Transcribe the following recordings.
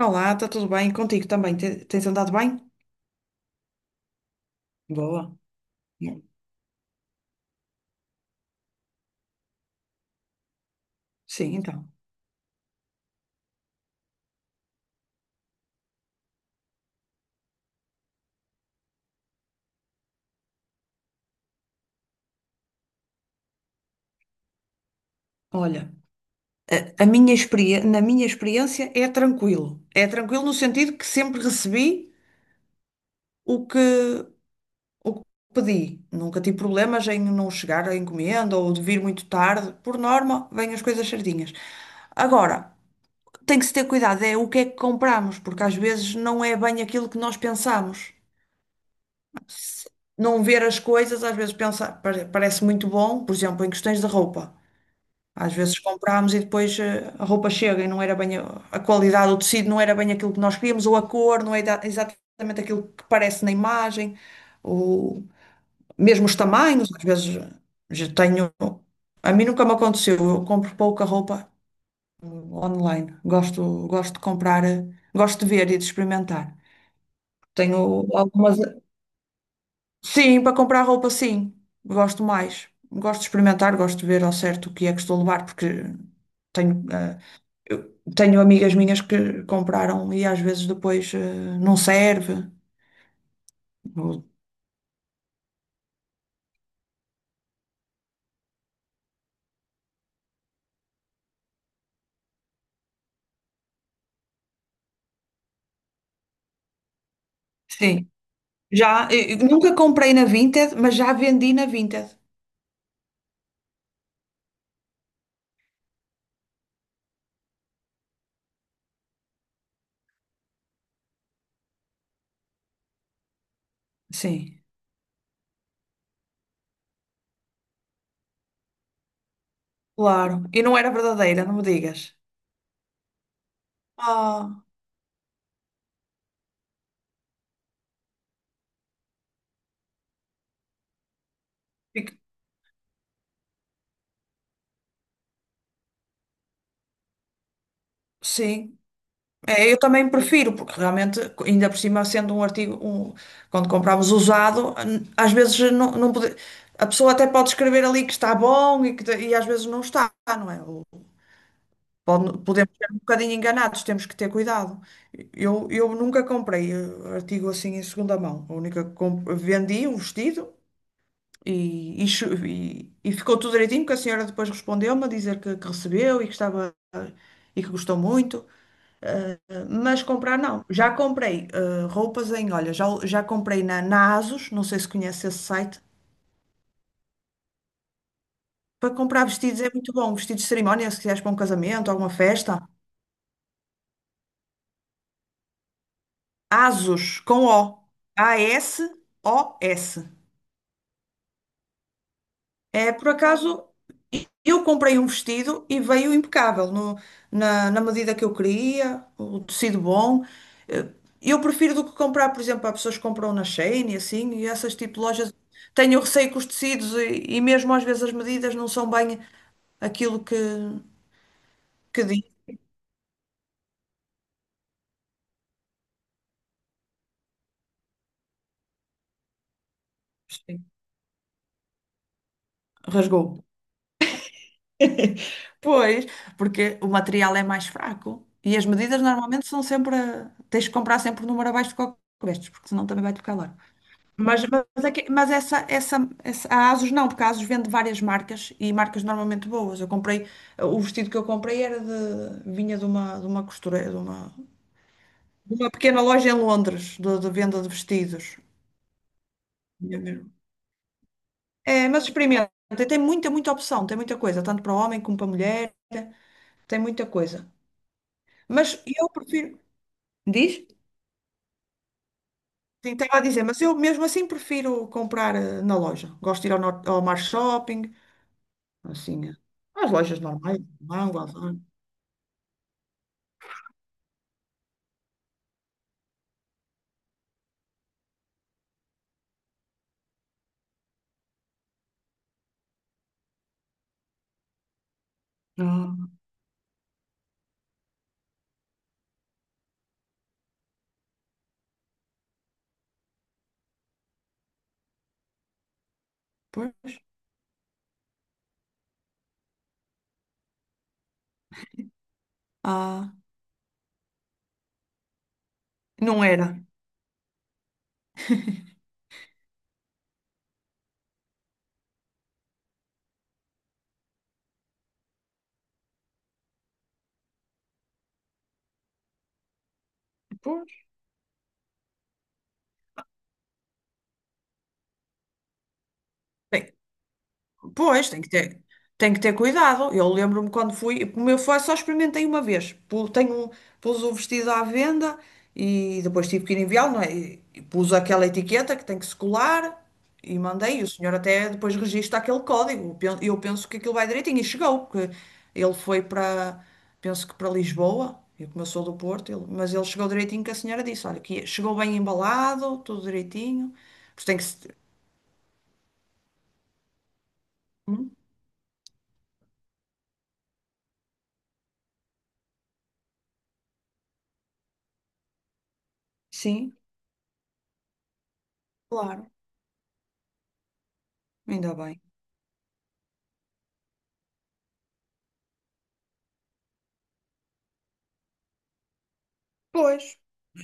Olá, está tudo bem? Contigo também? Tens andado bem? Boa. Sim, então. Olha, a minha experiência, na minha experiência é tranquilo. É tranquilo no sentido que sempre recebi o que, o que pedi. Nunca tive problemas em não chegar à encomenda ou de vir muito tarde. Por norma, vêm as coisas certinhas. Agora, tem que se ter cuidado, é o que é que compramos, porque às vezes não é bem aquilo que nós pensamos. se- não ver as coisas, às vezes pensa, parece muito bom, por exemplo, em questões de roupa. Às vezes comprámos e depois a roupa chega e não era bem a qualidade, o tecido não era bem aquilo que nós queríamos, ou a cor não é exatamente aquilo que parece na imagem, ou mesmo os tamanhos, às vezes já tenho. A mim nunca me aconteceu, eu compro pouca roupa online. Gosto de comprar, gosto de ver e de experimentar. Tenho algumas. Sim, para comprar roupa, sim. Gosto mais. Gosto de experimentar, gosto de ver ao certo o que é que estou a levar, porque tenho, eh, eu tenho amigas minhas que compraram e às vezes depois não serve. Ou- Sim. Já, eu nunca comprei na Vinted, mas já vendi na Vinted. Sim, claro. E não era verdadeira, não me digas. Ah, fico- sim. É, eu também prefiro, porque realmente, ainda por cima, sendo um artigo, quando compramos usado, às vezes não, a pessoa até pode escrever ali que está bom e, e às vezes não está, não é? Ou podemos ser um bocadinho enganados, temos que ter cuidado. Eu nunca comprei artigo assim em segunda mão. A única que vendi um vestido e ficou tudo direitinho, porque a senhora depois respondeu-me a dizer que recebeu e que estava e que gostou muito. Mas comprar não. Já comprei roupas em, olha, já comprei na ASOS, não sei se conhece esse site. Para comprar vestidos é muito bom. Vestidos de cerimónia, se quiseres para um casamento, alguma festa. ASOS, com O. A-S-O-S. É, por acaso, eu comprei um vestido e veio impecável, na medida que eu queria, o tecido bom. Eh, Eu prefiro do que comprar, por exemplo, há pessoas que compram na Shein e assim, e essas tipo de lojas. Tenho receio com os tecidos e mesmo às vezes as medidas não são bem aquilo que diz. Sim, rasgou. Pois, porque o material é mais fraco e as medidas normalmente são sempre. Tens que comprar sempre o número abaixo do que vestes, porque senão também vai-te ficar largo. Mas a ASUS não, porque a ASUS vende várias marcas e marcas normalmente boas. O vestido que eu comprei era de, vinha de uma costureira, de uma pequena loja em Londres, de venda de vestidos. É, mesmo. É, mas experimenta, tem muita, muita opção, tem muita coisa, tanto para homem como para mulher, tem muita coisa. Mas eu prefiro, diz? Sim, estava a dizer, mas eu mesmo assim prefiro comprar na loja. Gosto de ir ao Mar Shopping, assim, é. As lojas normais, Mango, Azar. Ah, pois. Ah, não era. Pois. Bem, pois, tem que ter cuidado. Eu lembro-me quando fui, como eu fui, só experimentei uma vez. Pus o vestido à venda e depois tive que ir enviá-lo, não é? E pus aquela etiqueta que tem que se colar e mandei. E o senhor até depois registra aquele código. Eu penso que aquilo vai direitinho. E chegou, porque ele foi para, penso que para Lisboa. Eu como eu sou do Porto, mas ele chegou direitinho que a senhora disse, olha, que chegou bem embalado, tudo direitinho. Pois tem que se... Hum? Sim, claro, ainda bem. Pois.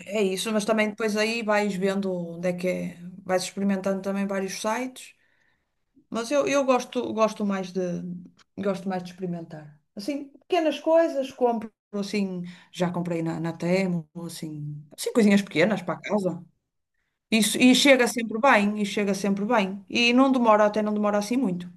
É isso, mas também depois aí vais vendo onde é que é, vais experimentando também vários sites, mas eu gosto mais de experimentar. Assim, pequenas coisas, compro assim, já comprei na Temu, assim, coisinhas pequenas para casa. Isso, e chega sempre bem, e chega sempre bem. E não demora, até não demora assim muito.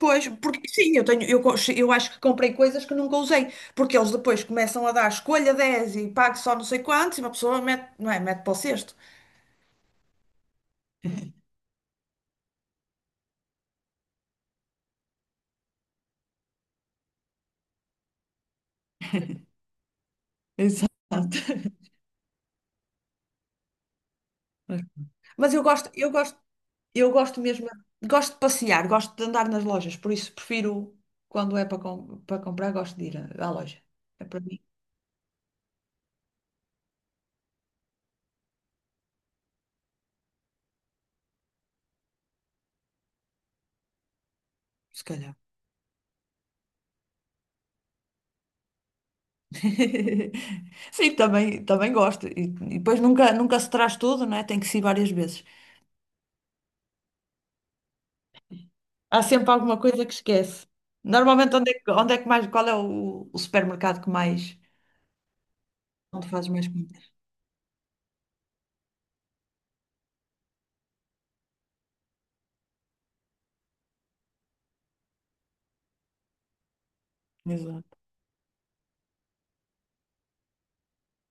Pois, porque sim, eu tenho, eu, co- eu acho que comprei coisas que nunca usei, porque eles depois começam a dar escolha 10 e pague só não sei quantos e uma pessoa mete, não é, mete para o cesto. Exato. Mas eu gosto mesmo, gosto de passear, gosto de andar nas lojas, por isso prefiro quando é para comprar, gosto de ir à loja. É para mim, se calhar. Sim, também gosto. E depois nunca, nunca se traz tudo, né? Tem que se ir várias vezes. Há sempre alguma coisa que esquece. Normalmente, onde é que mais, qual é o supermercado que mais, onde fazes mais compras? Exato.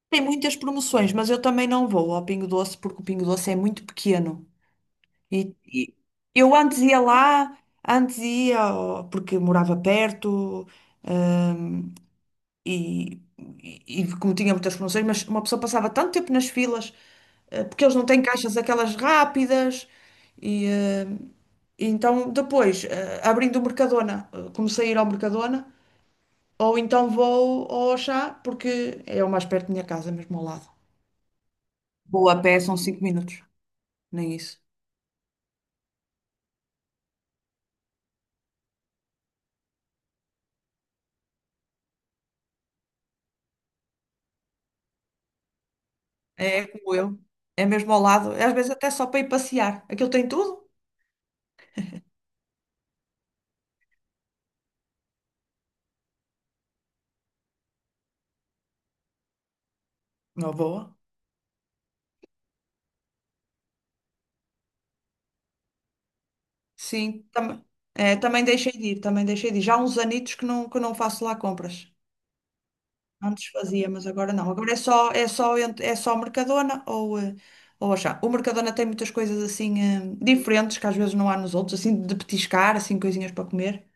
Tem muitas promoções, mas eu também não vou ao Pingo Doce porque o Pingo Doce é muito pequeno. E eu antes ia lá, antes ia porque morava perto e como tinha muitas promoções, mas uma pessoa passava tanto tempo nas filas, porque eles não têm caixas aquelas rápidas e eh, então, depois, abrindo o Mercadona, comecei a ir ao Mercadona, ou então vou ao Auchan, porque é o mais perto da minha casa, mesmo ao lado. Vou a pé, são 5 minutos, nem isso. É como eu, é mesmo ao lado, às vezes até só para ir passear. Aquilo tem tudo? Não. Boa. Sim, tam é, também deixei de ir, também deixei de ir. Já há uns anitos que não faço lá compras. Antes fazia, mas agora não. Agora é só, é só Mercadona ou, ou achar. O Mercadona tem muitas coisas assim diferentes que às vezes não há nos outros, assim de petiscar, assim coisinhas para comer.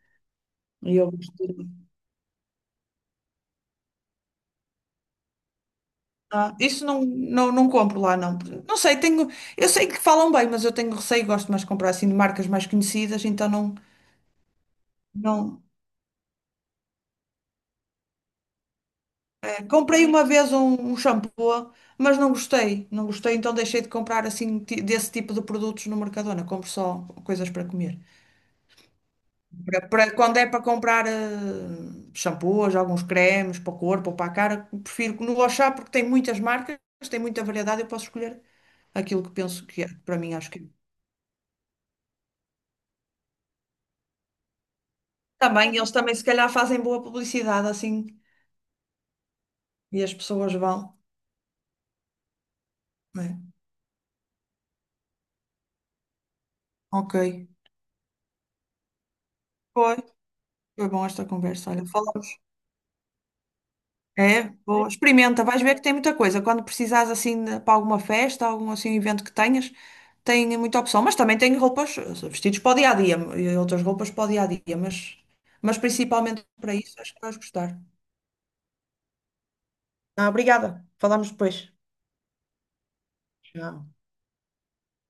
E eu gosto de- Ah, isso não, não, não compro lá, não. Não sei, tenho. Eu sei que falam bem, mas eu tenho receio, gosto mais de comprar assim de marcas mais conhecidas, então não. Não. Comprei uma vez um shampoo, mas não gostei. Não gostei, então deixei de comprar assim desse tipo de produtos no Mercadona. Compro só coisas para comer. Quando é para comprar shampoos, alguns cremes para o corpo ou para a cara, prefiro que no Auchan porque tem muitas marcas, tem muita variedade, eu posso escolher aquilo que penso que é, para mim acho que também eles também se calhar fazem boa publicidade assim e as pessoas vão, né? Ok. Foi, Foi bom esta conversa. Olha, falamos. É, boa. Experimenta, vais ver que tem muita coisa. Quando precisares assim para alguma festa, algum assim evento que tenhas, tem muita opção. Mas também tem roupas, vestidos para o dia a dia e outras roupas para o dia a dia. Mas principalmente para isso, acho que vais gostar. Ah, obrigada. Falamos depois. Tchau.